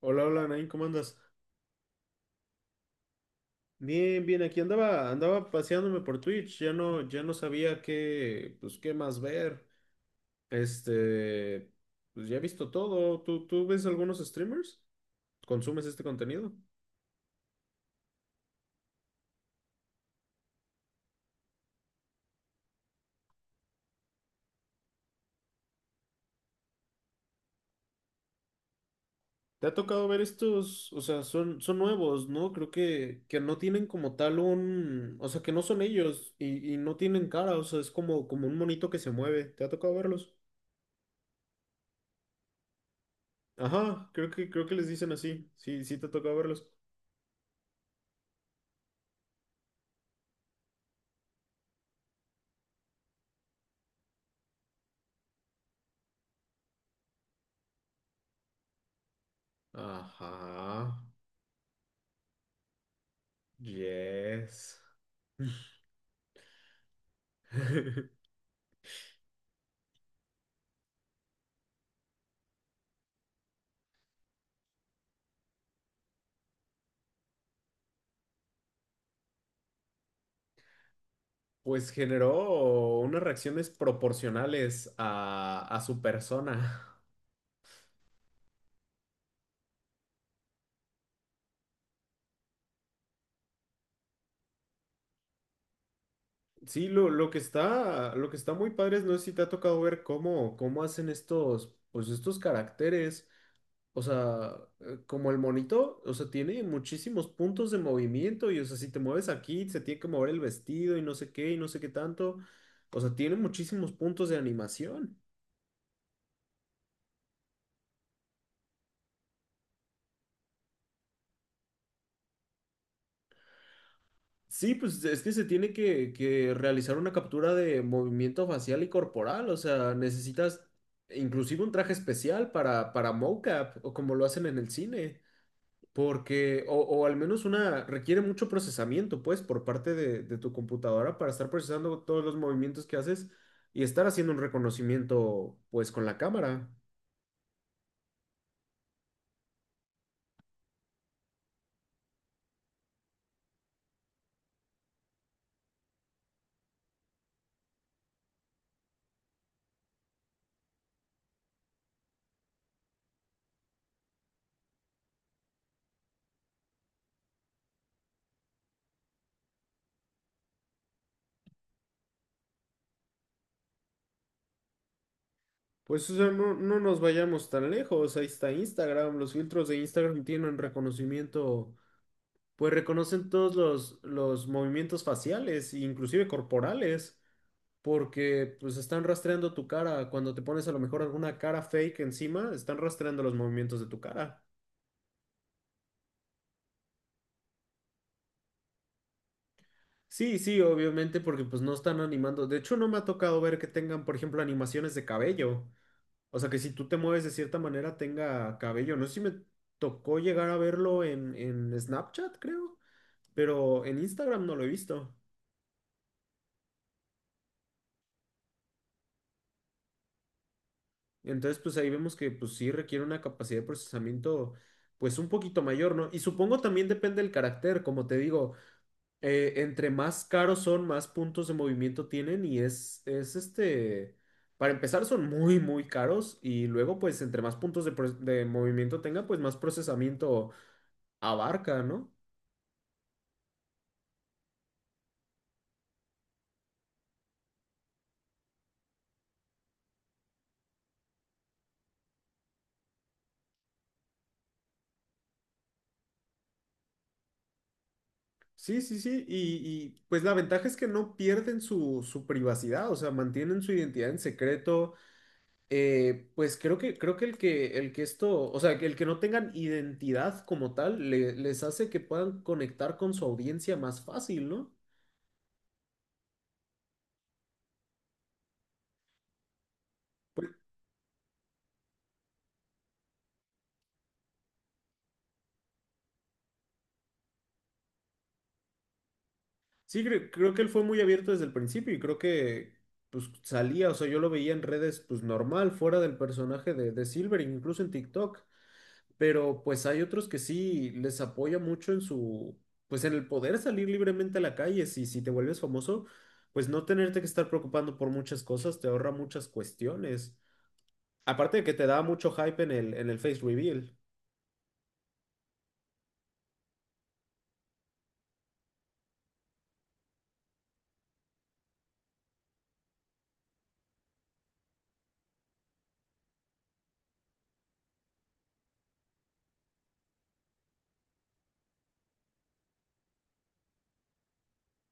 Hola, hola, Nain, ¿cómo andas? Bien, aquí andaba paseándome por Twitch, ya no sabía qué, pues, qué más ver. Este, pues ya he visto todo. ¿Tú ves algunos streamers? ¿Consumes este contenido? ¿Te ha tocado ver estos? O sea, son nuevos, ¿no? Creo que no tienen como tal un, o sea, que no son ellos y no tienen cara, o sea, es como, como un monito que se mueve. ¿Te ha tocado verlos? Ajá, creo que les dicen así. Sí, sí te ha tocado verlos. Ajá. Yes. Pues generó unas reacciones proporcionales a su persona. Sí, lo que está, lo que está muy padre es, no sé si te ha tocado ver cómo, cómo hacen estos, pues estos caracteres. O sea, como el monito, o sea, tiene muchísimos puntos de movimiento y, o sea, si te mueves aquí, se tiene que mover el vestido y no sé qué y no sé qué tanto. O sea, tiene muchísimos puntos de animación. Sí, pues es que se tiene que realizar una captura de movimiento facial y corporal, o sea, necesitas inclusive un traje especial para mocap, o como lo hacen en el cine, porque, o al menos una, requiere mucho procesamiento, pues, por parte de tu computadora para estar procesando todos los movimientos que haces y estar haciendo un reconocimiento, pues, con la cámara. Pues, o sea, no, no nos vayamos tan lejos, ahí está Instagram, los filtros de Instagram tienen reconocimiento pues reconocen todos los movimientos faciales, inclusive corporales, porque pues están rastreando tu cara. Cuando te pones a lo mejor alguna cara fake encima, están rastreando los movimientos de tu cara. Sí, sí, obviamente, porque pues no están animando. De hecho, no me ha tocado ver que tengan, por ejemplo, animaciones de cabello. O sea, que si tú te mueves de cierta manera tenga cabello. No sé si me tocó llegar a verlo en Snapchat, creo, pero en Instagram no lo he visto. Entonces, pues ahí vemos que pues sí requiere una capacidad de procesamiento pues un poquito mayor, ¿no? Y supongo también depende del carácter, como te digo, entre más caros son, más puntos de movimiento tienen y es este, para empezar son muy, muy caros y luego pues entre más puntos de, pro- de movimiento tenga, pues más procesamiento abarca, ¿no? Sí, y pues la ventaja es que no pierden su, su privacidad, o sea, mantienen su identidad en secreto. Pues creo que el que esto, o sea, que el que no tengan identidad como tal, le- les hace que puedan conectar con su audiencia más fácil, ¿no? Pues, sí, cre- creo, que él fue muy abierto desde el principio y creo que pues salía, o sea, yo lo veía en redes pues normal, fuera del personaje de Silver, incluso en TikTok, pero pues hay otros que sí les apoya mucho en su, pues en el poder salir libremente a la calle, si, si te vuelves famoso, pues no tenerte que estar preocupando por muchas cosas, te ahorra muchas cuestiones. Aparte de que te da mucho hype en el face reveal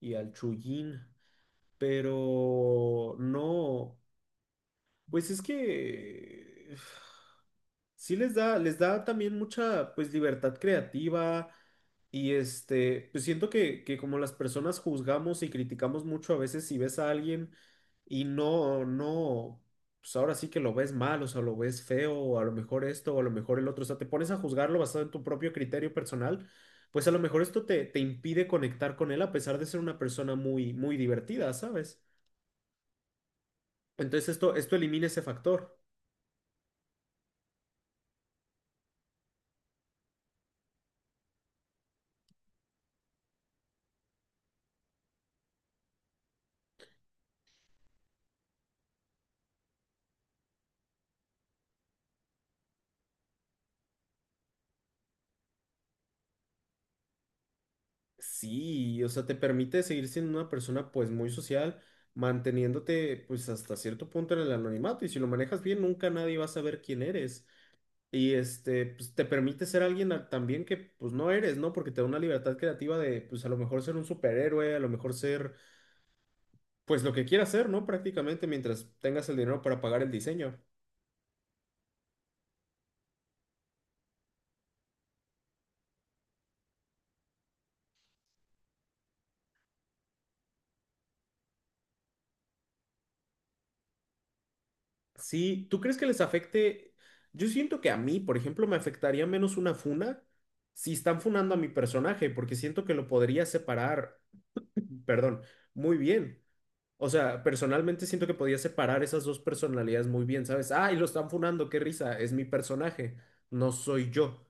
y al Chuyin, pero no, pues es que sí les da también mucha, pues, libertad creativa y este, pues siento que como las personas juzgamos y criticamos mucho a veces si ves a alguien y no, no, pues ahora sí que lo ves mal, o sea, lo ves feo, o a lo mejor esto, o a lo mejor el otro, o sea, te pones a juzgarlo basado en tu propio criterio personal, pues a lo mejor esto te, te impide conectar con él a pesar de ser una persona muy, muy divertida, ¿sabes? Entonces esto elimina ese factor. Sí, o sea, te permite seguir siendo una persona pues muy social, manteniéndote pues hasta cierto punto en el anonimato y si lo manejas bien nunca nadie va a saber quién eres. Y este, pues te permite ser alguien a- también que pues no eres, ¿no? Porque te da una libertad creativa de pues a lo mejor ser un superhéroe, a lo mejor ser pues lo que quieras ser, ¿no? Prácticamente mientras tengas el dinero para pagar el diseño. Sí, ¿tú crees que les afecte? Yo siento que a mí, por ejemplo, me afectaría menos una funa si están funando a mi personaje, porque siento que lo podría separar, perdón, muy bien. O sea, personalmente siento que podría separar esas dos personalidades muy bien, ¿sabes? Ah, y lo están funando, qué risa, es mi personaje, no soy yo.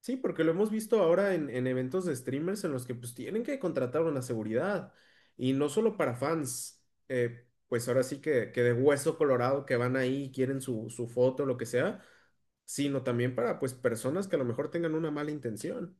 Sí, porque lo hemos visto ahora en eventos de streamers en los que pues tienen que contratar una seguridad y no solo para fans, pues ahora sí que de hueso colorado que van ahí y quieren su, su foto, lo que sea, sino también para pues personas que a lo mejor tengan una mala intención.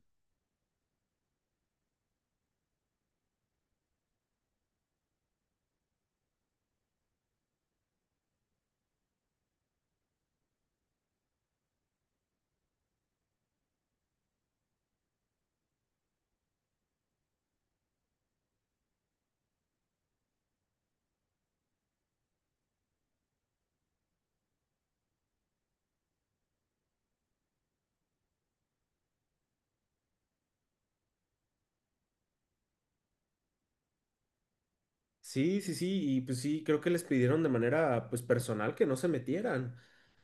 Sí, y pues sí, creo que les pidieron de manera pues personal que no se metieran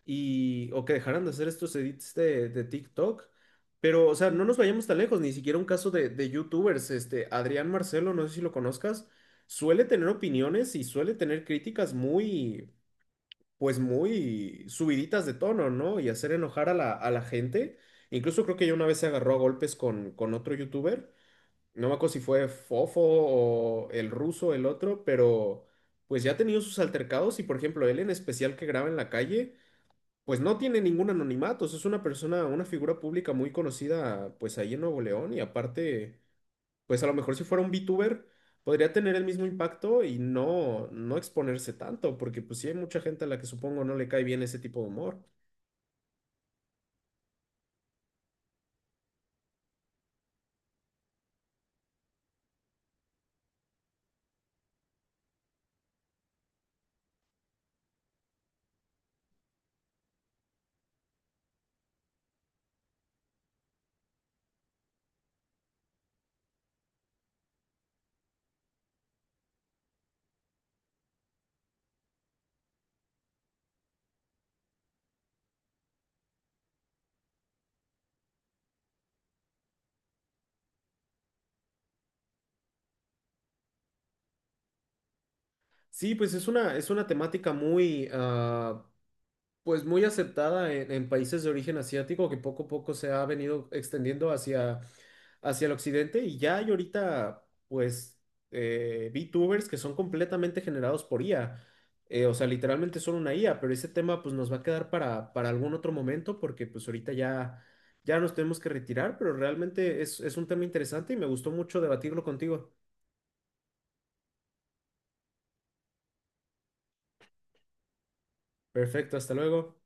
y o que dejaran de hacer estos edits de TikTok. Pero, o sea, no nos vayamos tan lejos, ni siquiera un caso de YouTubers, este, Adrián Marcelo, no sé si lo conozcas, suele tener opiniones y suele tener críticas muy, pues muy subiditas de tono, ¿no? Y hacer enojar a la gente. Incluso creo que ya una vez se agarró a golpes con otro YouTuber. No me acuerdo si fue Fofo o el ruso, el otro, pero pues ya ha tenido sus altercados y por ejemplo él en especial que graba en la calle, pues no tiene ningún anonimato, o sea, es una persona, una figura pública muy conocida pues ahí en Nuevo León y aparte, pues a lo mejor si fuera un VTuber podría tener el mismo impacto y no, no exponerse tanto, porque pues sí hay mucha gente a la que supongo no le cae bien ese tipo de humor. Sí, pues es una temática muy, ah, pues muy aceptada en países de origen asiático que poco a poco se ha venido extendiendo hacia, hacia el occidente y ya hay ahorita pues VTubers que son completamente generados por IA. O sea, literalmente son una IA, pero ese tema pues nos va a quedar para algún otro momento porque pues ahorita ya, ya nos tenemos que retirar, pero realmente es un tema interesante y me gustó mucho debatirlo contigo. Perfecto, hasta luego.